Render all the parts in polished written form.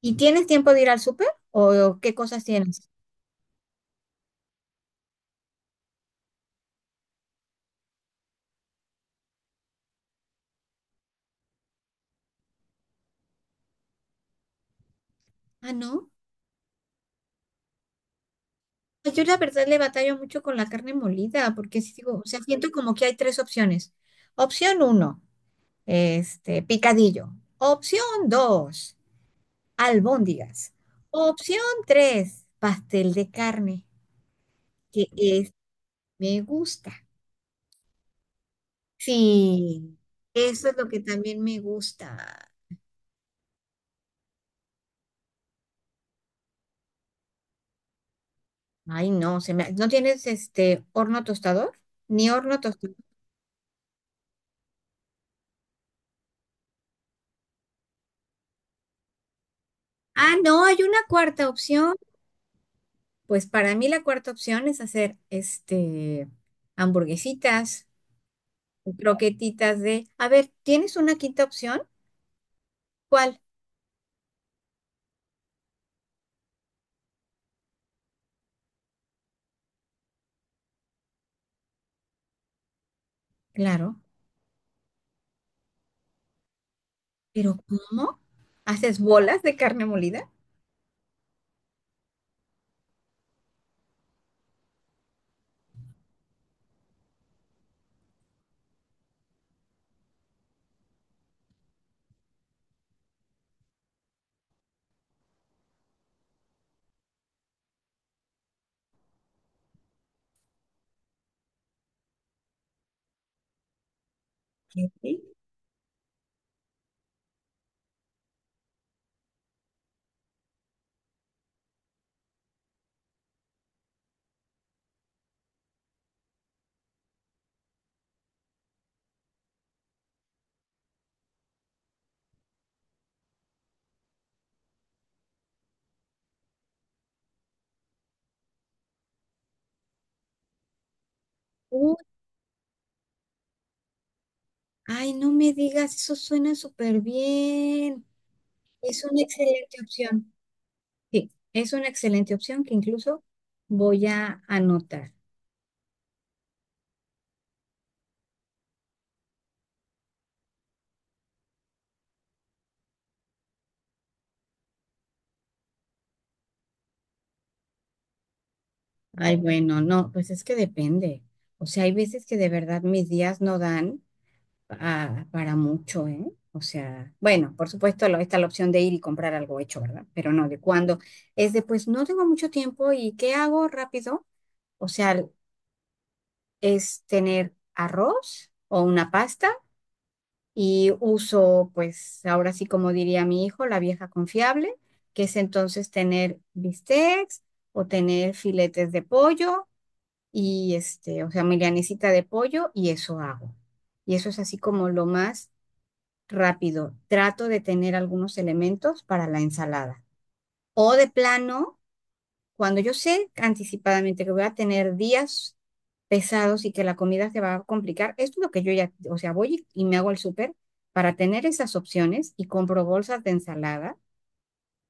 ¿Y tienes tiempo de ir al súper? ¿O qué cosas tienes? Ah, no. Pues yo la verdad le batallo mucho con la carne molida, porque sí digo, o sea, siento como que hay tres opciones. Opción uno, picadillo. Opción dos, albóndigas. Opción tres, pastel de carne, que es, me gusta. Sí, eso es lo que también me gusta. Ay, no, ¿no tienes este horno tostador? Ni horno tostador. Ah, no, hay una cuarta opción. Pues para mí la cuarta opción es hacer hamburguesitas, croquetitas de, a ver, ¿tienes una quinta opción? ¿Cuál? Claro, pero ¿cómo? ¿Haces bolas de carne molida? ¿Qué? Uh, ay, no me digas, eso suena súper bien. Es una excelente opción. Sí, es una excelente opción que incluso voy a anotar. Ay, bueno, no, pues es que depende. O sea, hay veces que de verdad mis días no dan para mucho, ¿eh? O sea, bueno, por supuesto está la opción de ir y comprar algo hecho, ¿verdad? Pero no, de cuando es de, pues no tengo mucho tiempo y ¿qué hago rápido? O sea, es tener arroz o una pasta y uso, pues ahora sí como diría mi hijo, la vieja confiable, que es entonces tener bistecs o tener filetes de pollo y o sea, milanesita de pollo y eso hago. Y eso es así como lo más rápido, trato de tener algunos elementos para la ensalada. O de plano, cuando yo sé anticipadamente que voy a tener días pesados y que la comida se va a complicar, esto es lo que yo ya, o sea, voy y me hago el súper para tener esas opciones y compro bolsas de ensalada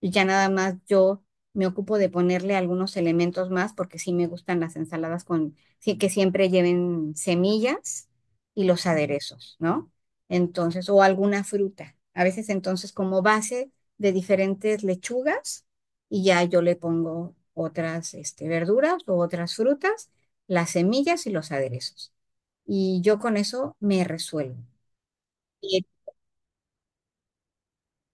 y ya nada más yo me ocupo de ponerle algunos elementos más porque sí me gustan las ensaladas con, sí que siempre lleven semillas y los aderezos, ¿no? Entonces, o alguna fruta. A veces entonces como base de diferentes lechugas y ya yo le pongo otras verduras o otras frutas, las semillas y los aderezos. Y yo con eso me resuelvo.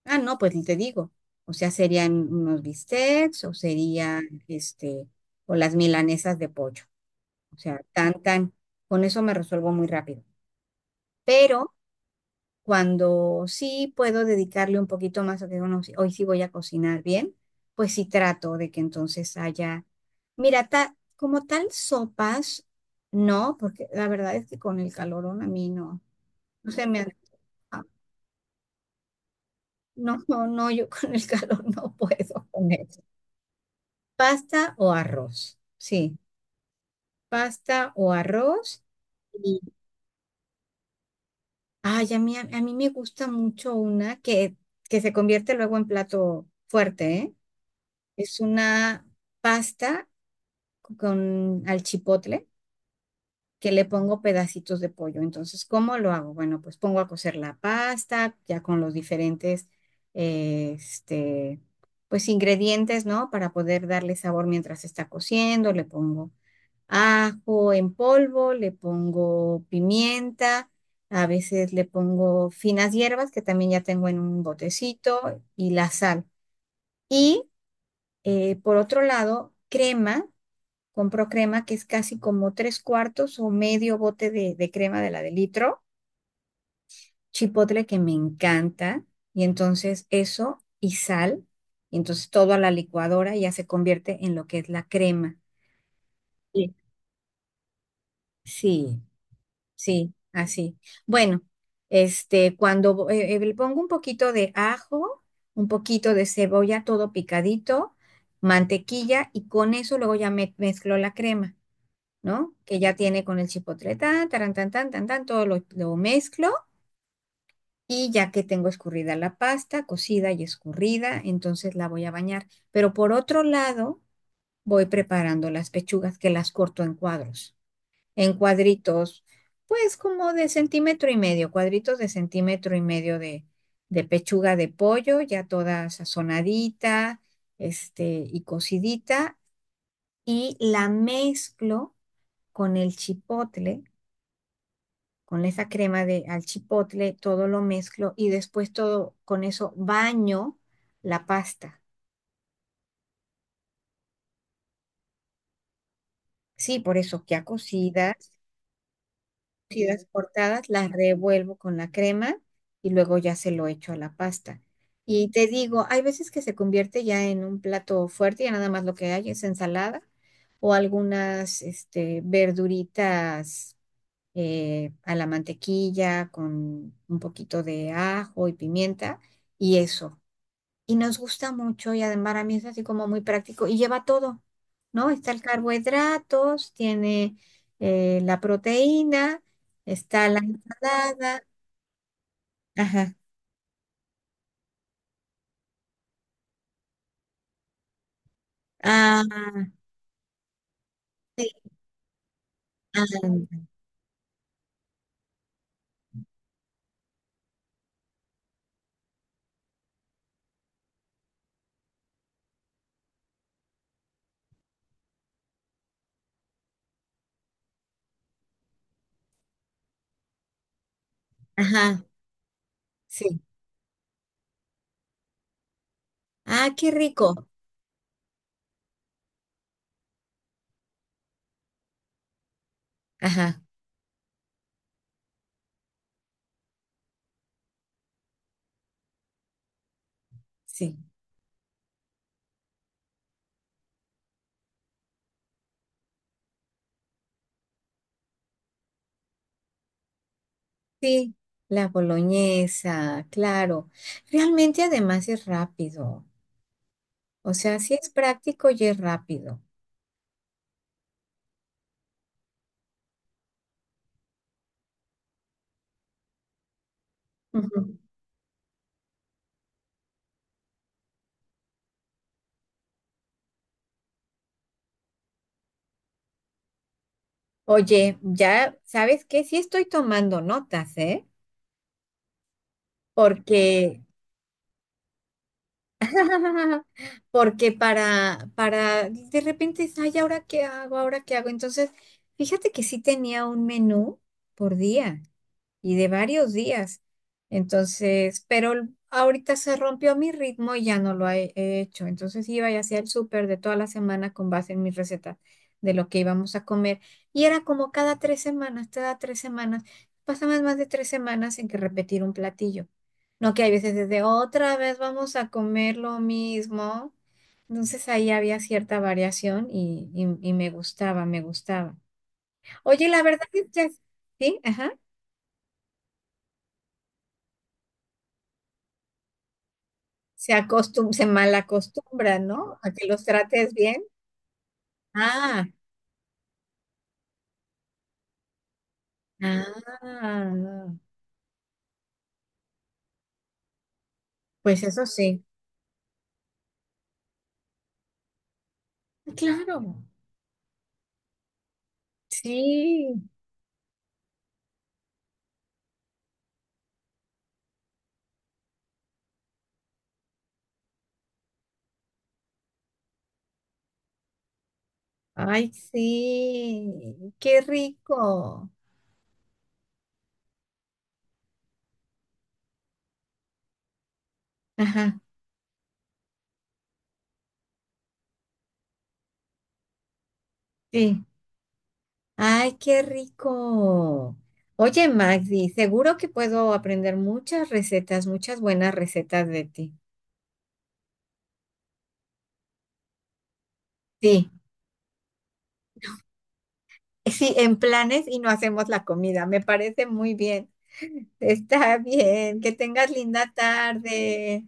Ah, no, pues te digo. O sea, serían unos bistecs o sería este, o las milanesas de pollo. O sea, tan, tan. Con eso me resuelvo muy rápido. Pero cuando sí puedo dedicarle un poquito más a que bueno, hoy sí voy a cocinar bien, pues sí trato de que entonces haya. Mira, como tal, sopas, no, porque la verdad es que con el calorón a mí no, no se me antoja. No, no, no, yo con el calor no puedo comer. Pasta o arroz. Sí, pasta o arroz. Y ay, a mí me gusta mucho una que se convierte luego en plato fuerte, ¿eh? Es una pasta con al chipotle que le pongo pedacitos de pollo. Entonces, ¿cómo lo hago? Bueno, pues pongo a cocer la pasta ya con los diferentes, eh, este, pues ingredientes, ¿no? Para poder darle sabor mientras está cociendo. Le pongo ajo en polvo, le pongo pimienta, a veces le pongo finas hierbas que también ya tengo en un botecito y la sal. Y por otro lado, crema, compro crema que es casi como tres cuartos o medio bote de crema de la de litro, chipotle que me encanta y entonces eso y sal. Entonces todo a la licuadora ya se convierte en lo que es la crema. Sí. Sí, sí, así. Bueno, cuando le pongo un poquito de ajo, un poquito de cebolla, todo picadito, mantequilla, y con eso luego ya mezclo la crema, ¿no? Que ya tiene con el chipotle, tan, taran, tan, tan, tan, tan, todo lo mezclo, y ya que tengo escurrida la pasta, cocida y escurrida, entonces la voy a bañar. Pero por otro lado, voy preparando las pechugas que las corto en cuadritos, pues como de centímetro y medio, cuadritos de centímetro y medio de pechuga de pollo, ya toda sazonadita, y cocidita, y la mezclo con el chipotle, con esa crema de al chipotle, todo lo mezclo y después todo con eso baño la pasta. Sí, por eso ya cocida crujidas cortadas, las revuelvo con la crema y luego ya se lo echo a la pasta. Y te digo, hay veces que se convierte ya en un plato fuerte, ya nada más lo que hay es ensalada o algunas verduritas a la mantequilla con un poquito de ajo y pimienta y eso y nos gusta mucho y además para mí es así como muy práctico y lleva todo, ¿no? Está el carbohidratos, tiene la proteína, está la ensalada, ajá, ah, sí, ah, ajá, sí, ah, qué rico, ajá, sí, sí, la boloñesa, claro, realmente además es rápido, o sea, sí es práctico y es rápido. Ujú. Oye, ya sabes que sí estoy tomando notas, ¿eh? Porque, porque de repente, es, ay, ¿ahora qué hago? ¿Ahora qué hago? Entonces, fíjate que sí tenía un menú por día y de varios días. Entonces, pero ahorita se rompió mi ritmo y ya no lo he hecho. Entonces iba y hacía el súper de toda la semana con base en mis recetas de lo que íbamos a comer. Y era como cada 3 semanas, cada 3 semanas. Pasaban más de 3 semanas en que repetir un platillo. No que hay veces desde otra vez vamos a comer lo mismo. Entonces ahí había cierta variación y me gustaba, me gustaba. Oye, la verdad es que, ¿sí? Ajá. Se mal acostumbra, ¿no? A que los trates bien. Ah, ah, pues eso sí. Claro, sí. Ay, sí. Qué rico. Ajá, sí. Ay, qué rico. Oye, Magdi, seguro que puedo aprender muchas recetas, muchas buenas recetas de ti. Sí. Sí, en planes y no hacemos la comida. Me parece muy bien. Está bien. Que tengas linda tarde.